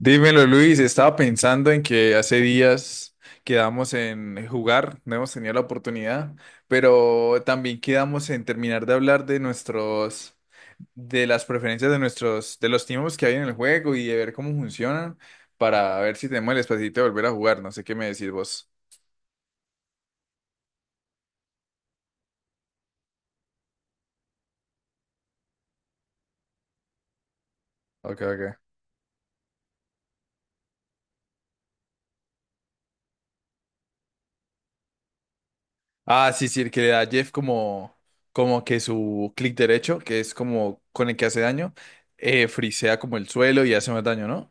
Dímelo, Luis. Estaba pensando en que hace días quedamos en jugar, no hemos tenido la oportunidad, pero también quedamos en terminar de hablar de nuestros, de las preferencias de nuestros, de los tiempos que hay en el juego y de ver cómo funcionan para ver si tenemos el espacio de volver a jugar. No sé qué me decís vos. Ok, ok. Ah, sí, sí, el que le da a Jeff como que su clic derecho, que es como con el que hace daño, frisea como el suelo y hace más daño, ¿no?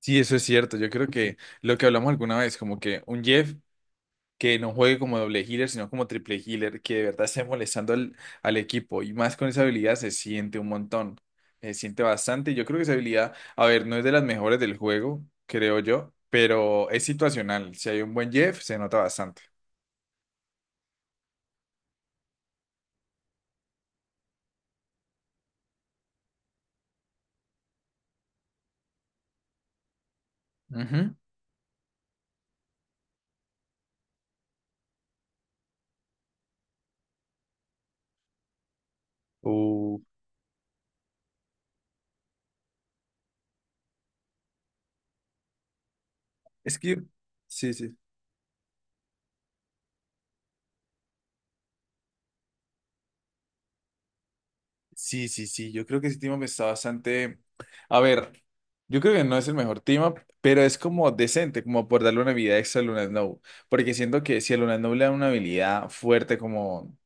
Sí, eso es cierto. Yo creo que lo que hablamos alguna vez, como que un Jeff que no juegue como doble healer, sino como triple healer, que de verdad esté molestando al equipo y más con esa habilidad se siente un montón, se siente bastante. Y yo creo que esa habilidad, a ver, no es de las mejores del juego, creo yo, pero es situacional. Si hay un buen Jeff, se nota bastante. Ujú. Uh, Es que, sí, sí. Sí, sí, sí, yo creo que ese tema está bastante. A ver, yo creo que no es el mejor tema, pero es como decente, como por darle una habilidad extra a Luna Snow, porque siento que si a Luna Snow le dan una habilidad fuerte como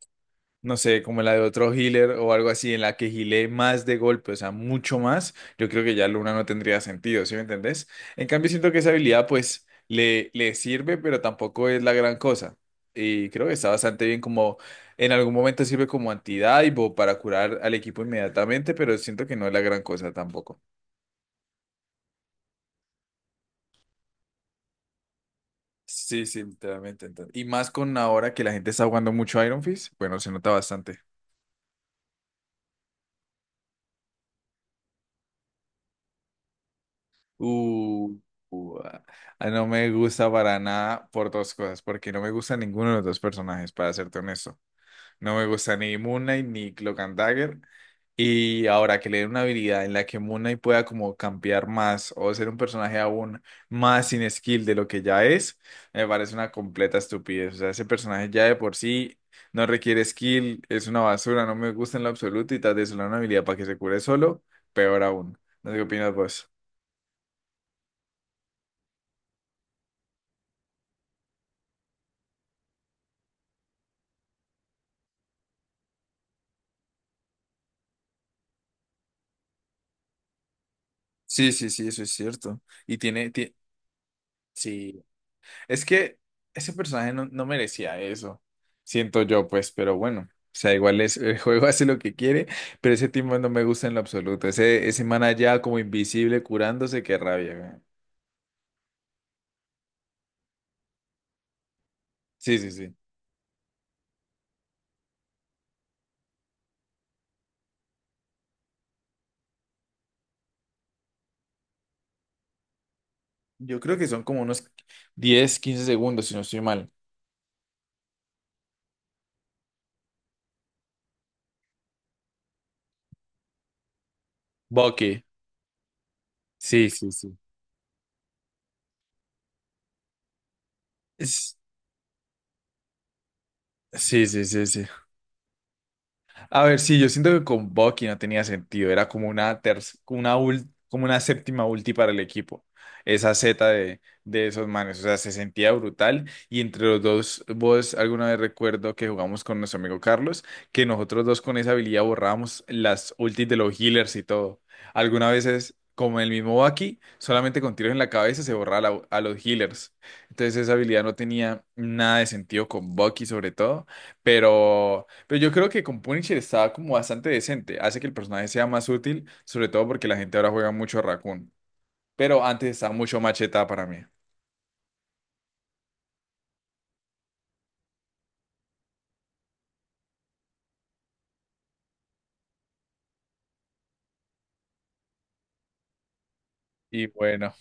no sé, como la de otro healer o algo así, en la que healé más de golpe, o sea, mucho más, yo creo que ya Luna no tendría sentido, ¿sí me entendés? En cambio, siento que esa habilidad, pues, le sirve, pero tampoco es la gran cosa. Y creo que está bastante bien como, en algún momento sirve como antidive o para curar al equipo inmediatamente, pero siento que no es la gran cosa tampoco. Sí, sí, literalmente. Y más con ahora que la gente está jugando mucho Iron Fist, bueno, se nota bastante. Uh, uh, ah, no me gusta para nada por dos cosas, porque no me gusta ninguno de los dos personajes, para serte honesto. No me gusta ni Moon Knight ni Cloak and Dagger. Y ahora que le den una habilidad en la que Moon Knight pueda como campear más o ser un personaje aún más sin skill de lo que ya es, me parece una completa estupidez. O sea, ese personaje ya de por sí no requiere skill, es una basura, no me gusta en lo absoluto y tal vez le dan una habilidad para que se cure solo, peor aún. No sé qué opinas vos. Sí, sí, sí, eso es cierto. Y sí, es que ese personaje no merecía eso, siento yo, pues, pero bueno, o sea, igual es, el juego hace lo que quiere, pero ese tipo no me gusta en lo absoluto. Ese man allá como invisible curándose, qué rabia, weón. Sí, sí, sí. Yo creo que son como unos 10 15 segundos, si no estoy mal. Bucky. Sí, sí, sí. Es- sí, sí, sí, sí. A ver, sí, yo siento que con Bucky no tenía sentido, era como una séptima ulti para el equipo, esa Z de esos manes, o sea, se sentía brutal y entre los dos, vos alguna vez recuerdo que jugamos con nuestro amigo Carlos, que nosotros dos con esa habilidad borrábamos las ultis de los healers y todo. Algunas veces, como el mismo Bucky, solamente con tiros en la cabeza se borraba a los healers, entonces esa habilidad no tenía nada de sentido con Bucky sobre todo, pero. Pero yo creo que con Punisher estaba como bastante decente. Hace que el personaje sea más útil, sobre todo porque la gente ahora juega mucho a Raccoon. Pero antes estaba mucho Macheta para mí. Y bueno,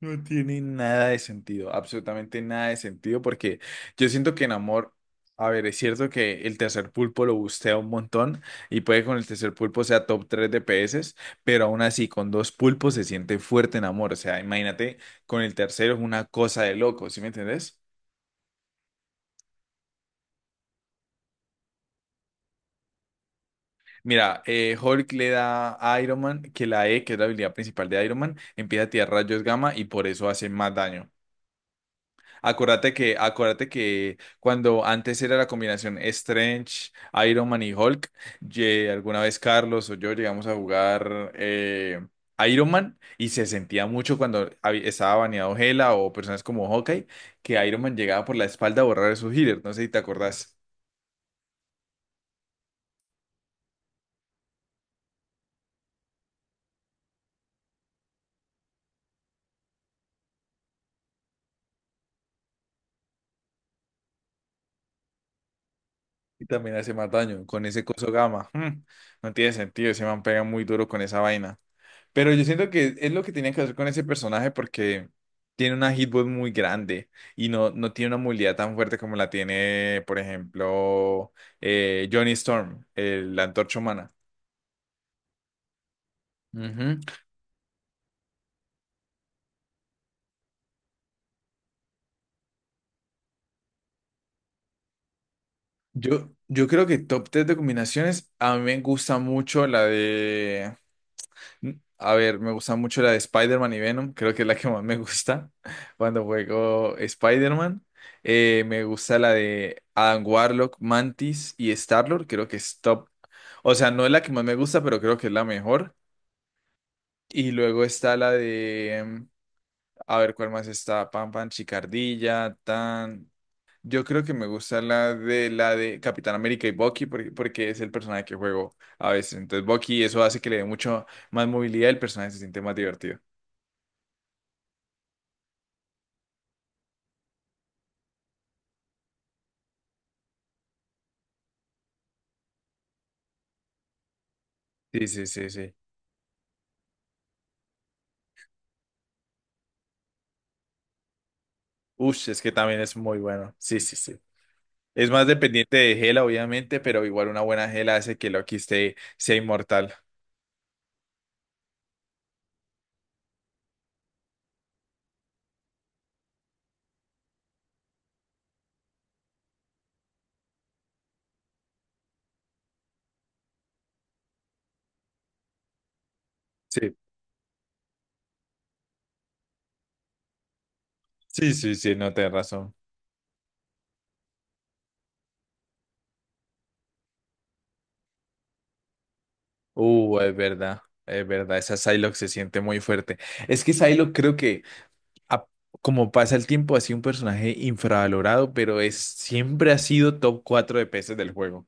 no tiene nada de sentido, absolutamente nada de sentido, porque yo siento que en Amor, a ver, es cierto que el tercer pulpo lo bustea un montón y puede que con el tercer pulpo sea top 3 DPS, pero aún así con dos pulpos se siente fuerte en Amor. O sea, imagínate, con el tercero es una cosa de loco, ¿sí me entendés? Mira, Hulk le da a Iron Man que la E, que es la habilidad principal de Iron Man, empieza a tirar rayos gamma y por eso hace más daño. Acuérdate que cuando antes era la combinación Strange, Iron Man y Hulk, alguna vez Carlos o yo llegamos a jugar Iron Man y se sentía mucho cuando estaba baneado Hela o personas como Hawkeye, que Iron Man llegaba por la espalda a borrar esos healers. No sé si te acordás. Y también hace más daño con ese coso gamma. No tiene sentido, ese man pega muy duro con esa vaina. Pero yo siento que es lo que tenía que hacer con ese personaje porque tiene una hitbox muy grande y no tiene una movilidad tan fuerte como la tiene, por ejemplo, Johnny Storm, la antorcha humana. Ujú. Yo creo que top 3 de combinaciones, a mí me gusta mucho la de a ver, me gusta mucho la de Spider-Man y Venom, creo que es la que más me gusta cuando juego Spider-Man. Me gusta la de Adam Warlock, Mantis y Star-Lord, creo que es top. O sea, no es la que más me gusta, pero creo que es la mejor. Y luego está la de, a ver cuál más está, Pan Pan, Chicardilla, Tan. Yo creo que me gusta la de Capitán América y Bucky porque es el personaje que juego a veces. Entonces Bucky eso hace que le dé mucho más movilidad y el personaje se siente más divertido. Sí, sí, sí, sí. Ush, es que también es muy bueno. Sí, sí, sí. Es más dependiente de gela, obviamente, pero igual una buena gela hace que Loki esté, sea inmortal. Sí, sí, sí, sí, no tenés razón. Es verdad, es verdad. Esa Psylocke se siente muy fuerte. Es que Psylocke creo que, a- como pasa el tiempo, ha sido un personaje infravalorado, pero siempre ha sido top 4 de peces del juego.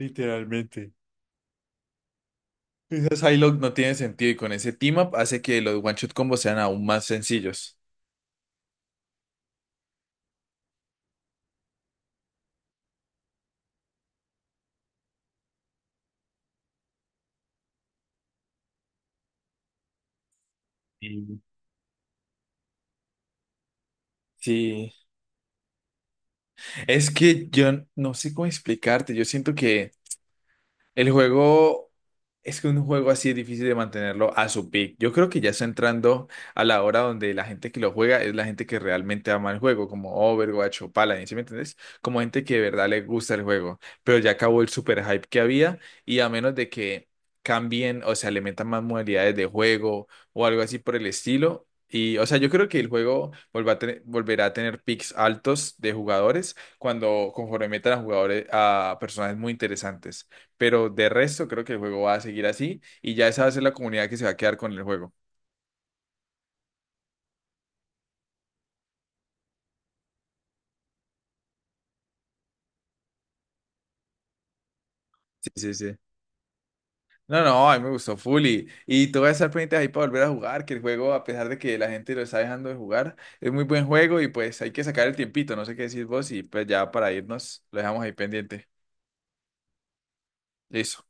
Literalmente. Esa Psylocke no tiene sentido y con ese team up hace que los one-shot combos sean aún más sencillos. Sí. Sí, es que yo no sé cómo explicarte, yo siento que. El juego es que un juego así es difícil de mantenerlo a su peak. Yo creo que ya está entrando a la hora donde la gente que lo juega es la gente que realmente ama el juego, como Overwatch o Paladin, ¿sí me entiendes? Como gente que de verdad le gusta el juego. Pero ya acabó el super hype que había y a menos de que cambien, o sea, le metan más modalidades de juego o algo así por el estilo. Y, o sea, yo creo que el juego volverá a tener peaks altos de jugadores cuando conforme metan a jugadores a personajes muy interesantes. Pero de resto, creo que el juego va a seguir así y ya esa va a ser la comunidad que se va a quedar con el juego. Sí, sí, sí. No, no, a mí me gustó Fully. Y tú vas a estar pendiente ahí para volver a jugar, que el juego, a pesar de que la gente lo está dejando de jugar, es muy buen juego y pues hay que sacar el tiempito. No sé qué decís vos y pues ya para irnos, lo dejamos ahí pendiente. Listo.